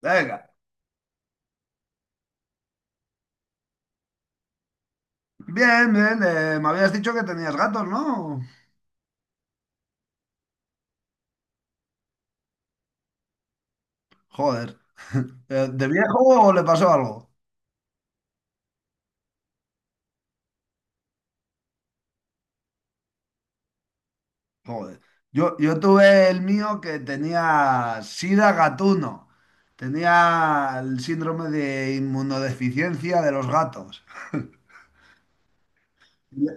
Venga. Bien, bien. Me habías dicho que tenías gatos, ¿no? Joder. ¿De viejo o le pasó algo? Joder. Yo tuve el mío, que tenía sida gatuno. Tenía el síndrome de inmunodeficiencia de los gatos. Ya.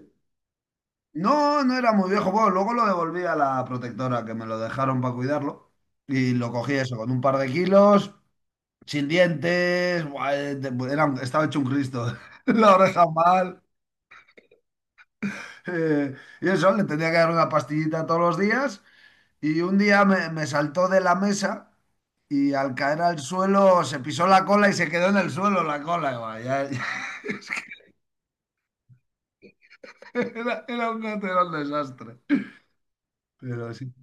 No, no era muy viejo. Bueno, luego lo devolví a la protectora, que me lo dejaron para cuidarlo. Y lo cogí eso, con un par de kilos, sin dientes. Estaba hecho un Cristo. La oreja mal. Y eso, le tenía que dar una pastillita todos los días, y un día me saltó de la mesa y al caer al suelo se pisó la cola y se quedó en el suelo la cola. Guau. Era, era un verdadero desastre. Pero sí,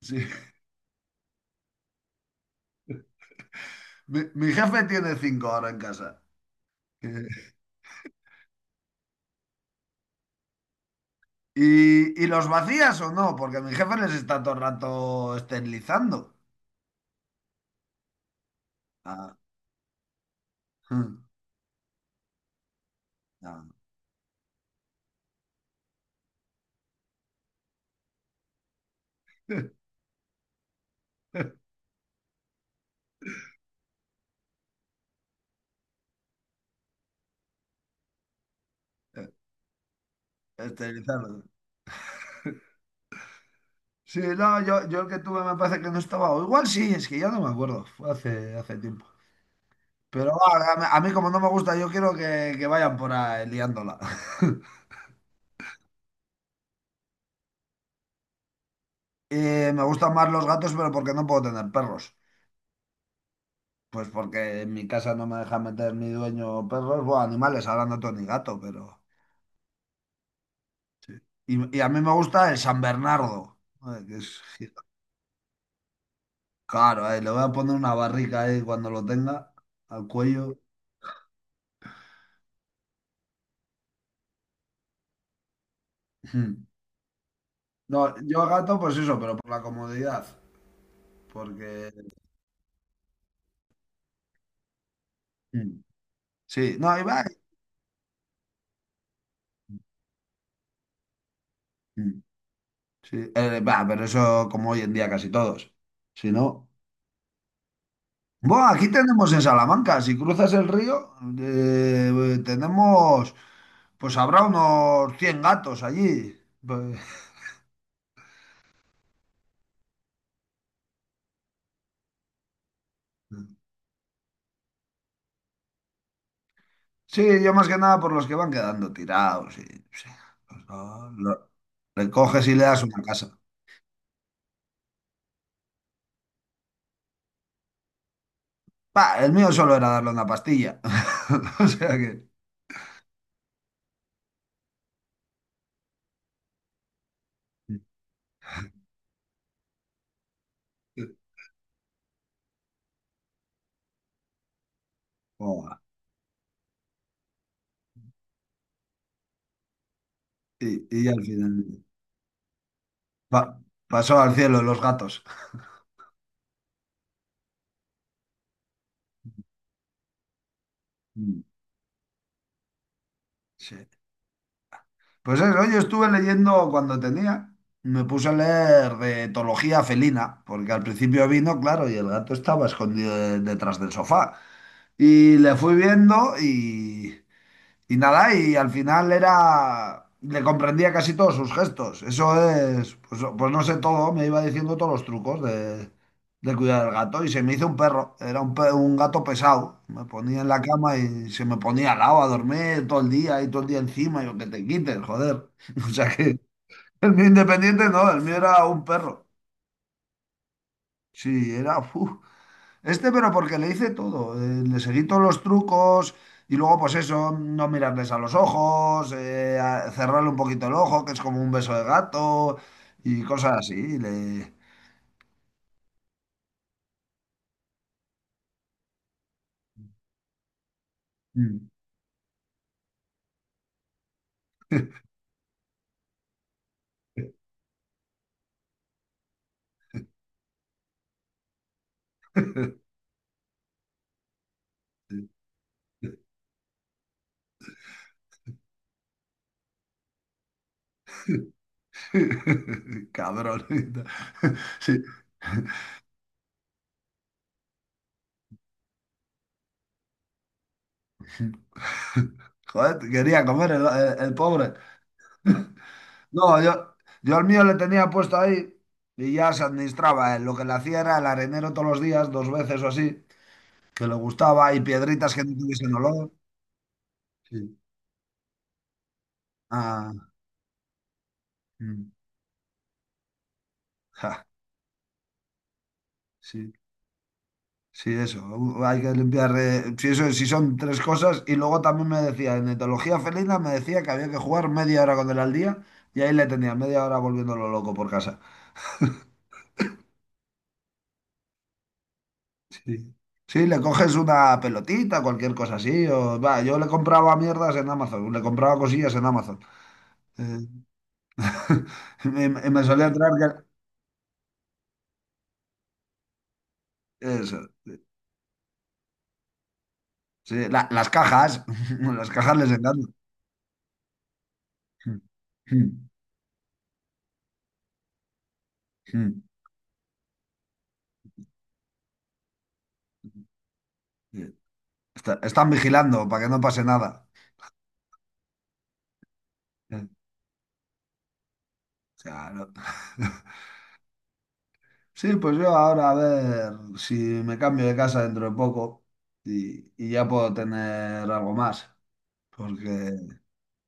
sí. Mi jefe tiene cinco ahora en casa. Eh, ¿y los vacías o no? Porque mi jefe les está todo el rato esterilizando. Ah. Ah. Esterilizando. Sí, no, yo el que tuve me parece que no estaba. O Igual sí, es que ya no me acuerdo. Fue hace, hace tiempo. Pero va, a mí como no me gusta, yo quiero que vayan por ahí liándola. Me gustan más los gatos, pero porque no puedo tener perros. Pues porque en mi casa no me deja meter ni dueño perros. Bueno, animales, ahora no tengo ni gato, pero… Y, y a mí me gusta el San Bernardo. Ay, que es… Claro, ahí le voy a poner una barrica ahí cuando lo tenga, al cuello. No, yo gato, pues eso, pero por la comodidad. Porque… Mm, sí, no, y va. Mm. Sí, va, pero eso como hoy en día casi todos. Si no, bueno, aquí tenemos en Salamanca, si cruzas el río, tenemos, pues habrá unos 100 gatos allí. Pues, sí, yo más que nada por los que van quedando tirados. Y, sí, pues, no, le coges y le das una casa. El mío solo era darle una pastilla. O sea que… Joder. Y al final. Pa- Pasó al cielo los gatos. Mm. Sí. Pues eso, yo estuve leyendo cuando tenía, me puse a leer de etología felina, porque al principio vino, claro, y el gato estaba escondido detrás del sofá. Y le fui viendo. Y nada, y al final era, le comprendía casi todos sus gestos. Eso es, pues, pues no sé, todo me iba diciendo todos los trucos de cuidar al gato, y se me hizo un perro. Era un, un gato pesado. Me ponía en la cama y se me ponía al lado a dormir todo el día, y todo el día encima, y yo que te quites, joder. O sea que el mío independiente no, el mío era un perro. Sí, era, uf. Este, pero porque le hice todo, le seguí todos los trucos, y luego pues eso, no mirarles a los ojos, cerrarle un poquito el ojo, que es como un beso de gato, y cosas así. Le… Mm. Cabrón. Sí. Joder, quería comer el pobre. No, yo al mío le tenía puesto ahí, y ya se administraba él. Lo que le hacía era el arenero todos los días, dos veces o así, que le gustaba, y piedritas que no tuviesen olor. Sí. Ah, mm, ja, sí, sí, eso. Hay que limpiar. Si eso, si son tres cosas. Y luego también me decía, en etología felina me decía que había que jugar media hora con él al día. Y ahí le tenía media hora volviéndolo loco por casa. Sí. Sí, le coges una pelotita, cualquier cosa así. O, va, yo le compraba mierdas en Amazon, le compraba cosillas en Amazon. Eh, y me, y me solía traer eso. Sí, la- las cajas, las cajas les encantan. Mm, mm, mm. Sí. Está- están vigilando para que no pase nada. Eh, O sea, no. Sí, pues yo ahora a ver si me cambio de casa dentro de poco, y ya puedo tener algo más. Porque,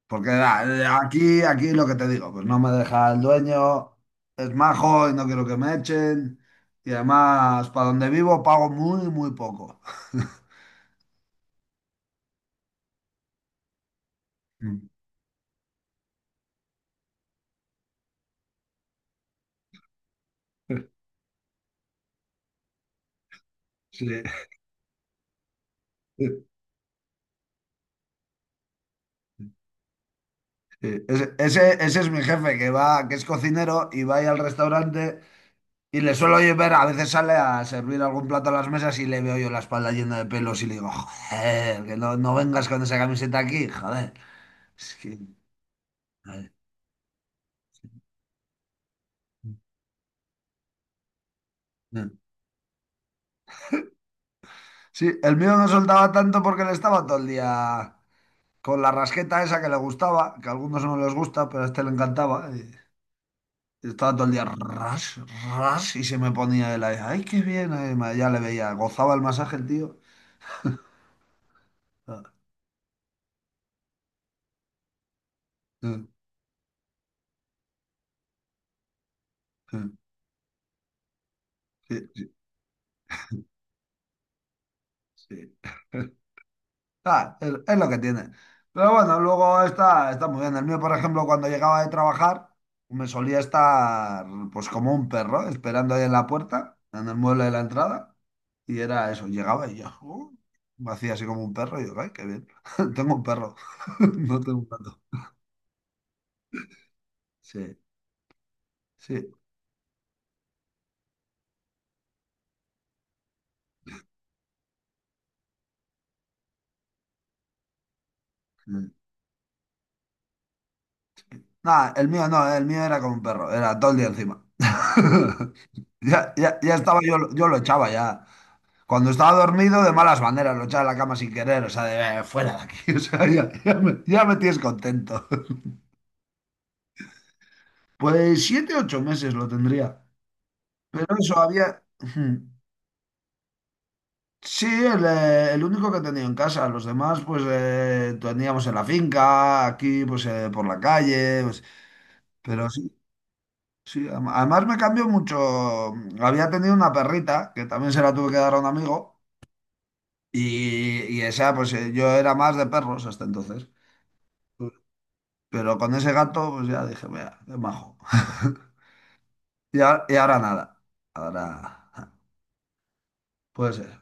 porque aquí, aquí lo que te digo, pues no me deja el dueño, es majo y no quiero que me echen. Y además, para donde vivo pago muy, muy poco. Mm. Sí. Sí, ese es mi jefe, que va, que es cocinero y va ahí al restaurante. Y le suelo yo ver, a veces sale a servir algún plato a las mesas y le veo yo la espalda llena de pelos y le digo, joder, que no, no vengas con esa camiseta aquí, joder. Es que, joder. Sí, el mío no soltaba tanto porque le estaba todo el día con la rasqueta esa, que le gustaba, que a algunos no les gusta, pero a este le encantaba. Y estaba todo el día ras, ras, y se me ponía de la… ¡Ay, qué bien! Ay, ya le veía, gozaba el masaje el tío. Ah. Sí, sí, sí, sí. Sí. Ah, es lo que tiene. Pero bueno, luego está, está muy bien. El mío, por ejemplo, cuando llegaba de trabajar, me solía estar pues como un perro, esperando ahí en la puerta, en el mueble de la entrada. Y era eso, llegaba y yo, me hacía así como un perro y yo, ay, qué bien. Tengo un perro, no tengo un gato. Sí, sí. Nada, el mío no, el mío era como un perro, era todo el día encima. Ya, ya, ya estaba, yo lo echaba ya. Cuando estaba dormido, de malas maneras, lo echaba en la cama sin querer, o sea, de fuera de aquí", o sea, ya, ya me tienes contento. Pues siete, ocho meses lo tendría. Pero eso había… Sí, el único que tenía en casa, los demás pues teníamos en la finca, aquí pues por la calle, pues, pero sí, sí, además me cambió mucho, había tenido una perrita que también se la tuve que dar a un amigo, y esa pues yo era más de perros hasta entonces. Pero con ese gato, pues ya dije, mira, qué majo. Y, y ahora nada. Ahora puede ser.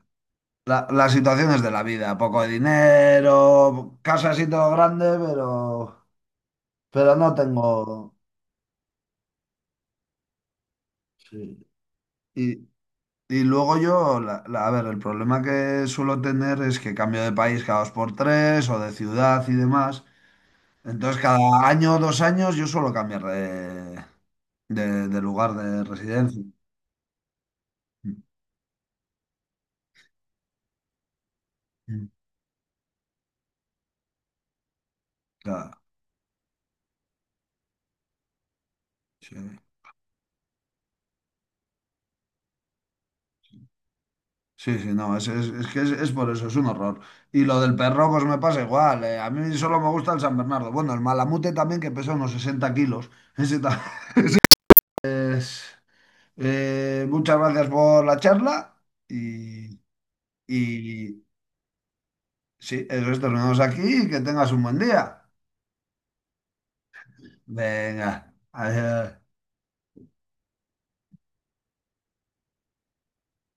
Las situaciones de la vida, poco de dinero, casa así todo grande, pero no tengo. Sí. Y, y luego yo, a ver, el problema que suelo tener es que cambio de país cada dos por tres o de ciudad y demás. Entonces, cada año o dos años yo suelo cambiar de, de lugar de residencia. Mm. Claro, sí. Sí, sí, no, es que es por eso, es un horror. Y lo del perro, pues me pasa igual. A mí solo me gusta el San Bernardo. Bueno, el Malamute también, que pesa unos 60 kilos. Ese ta- es- Muchas gracias por la charla, y, y sí, eso es, terminamos aquí y que tengas un buen día. Venga, adiós.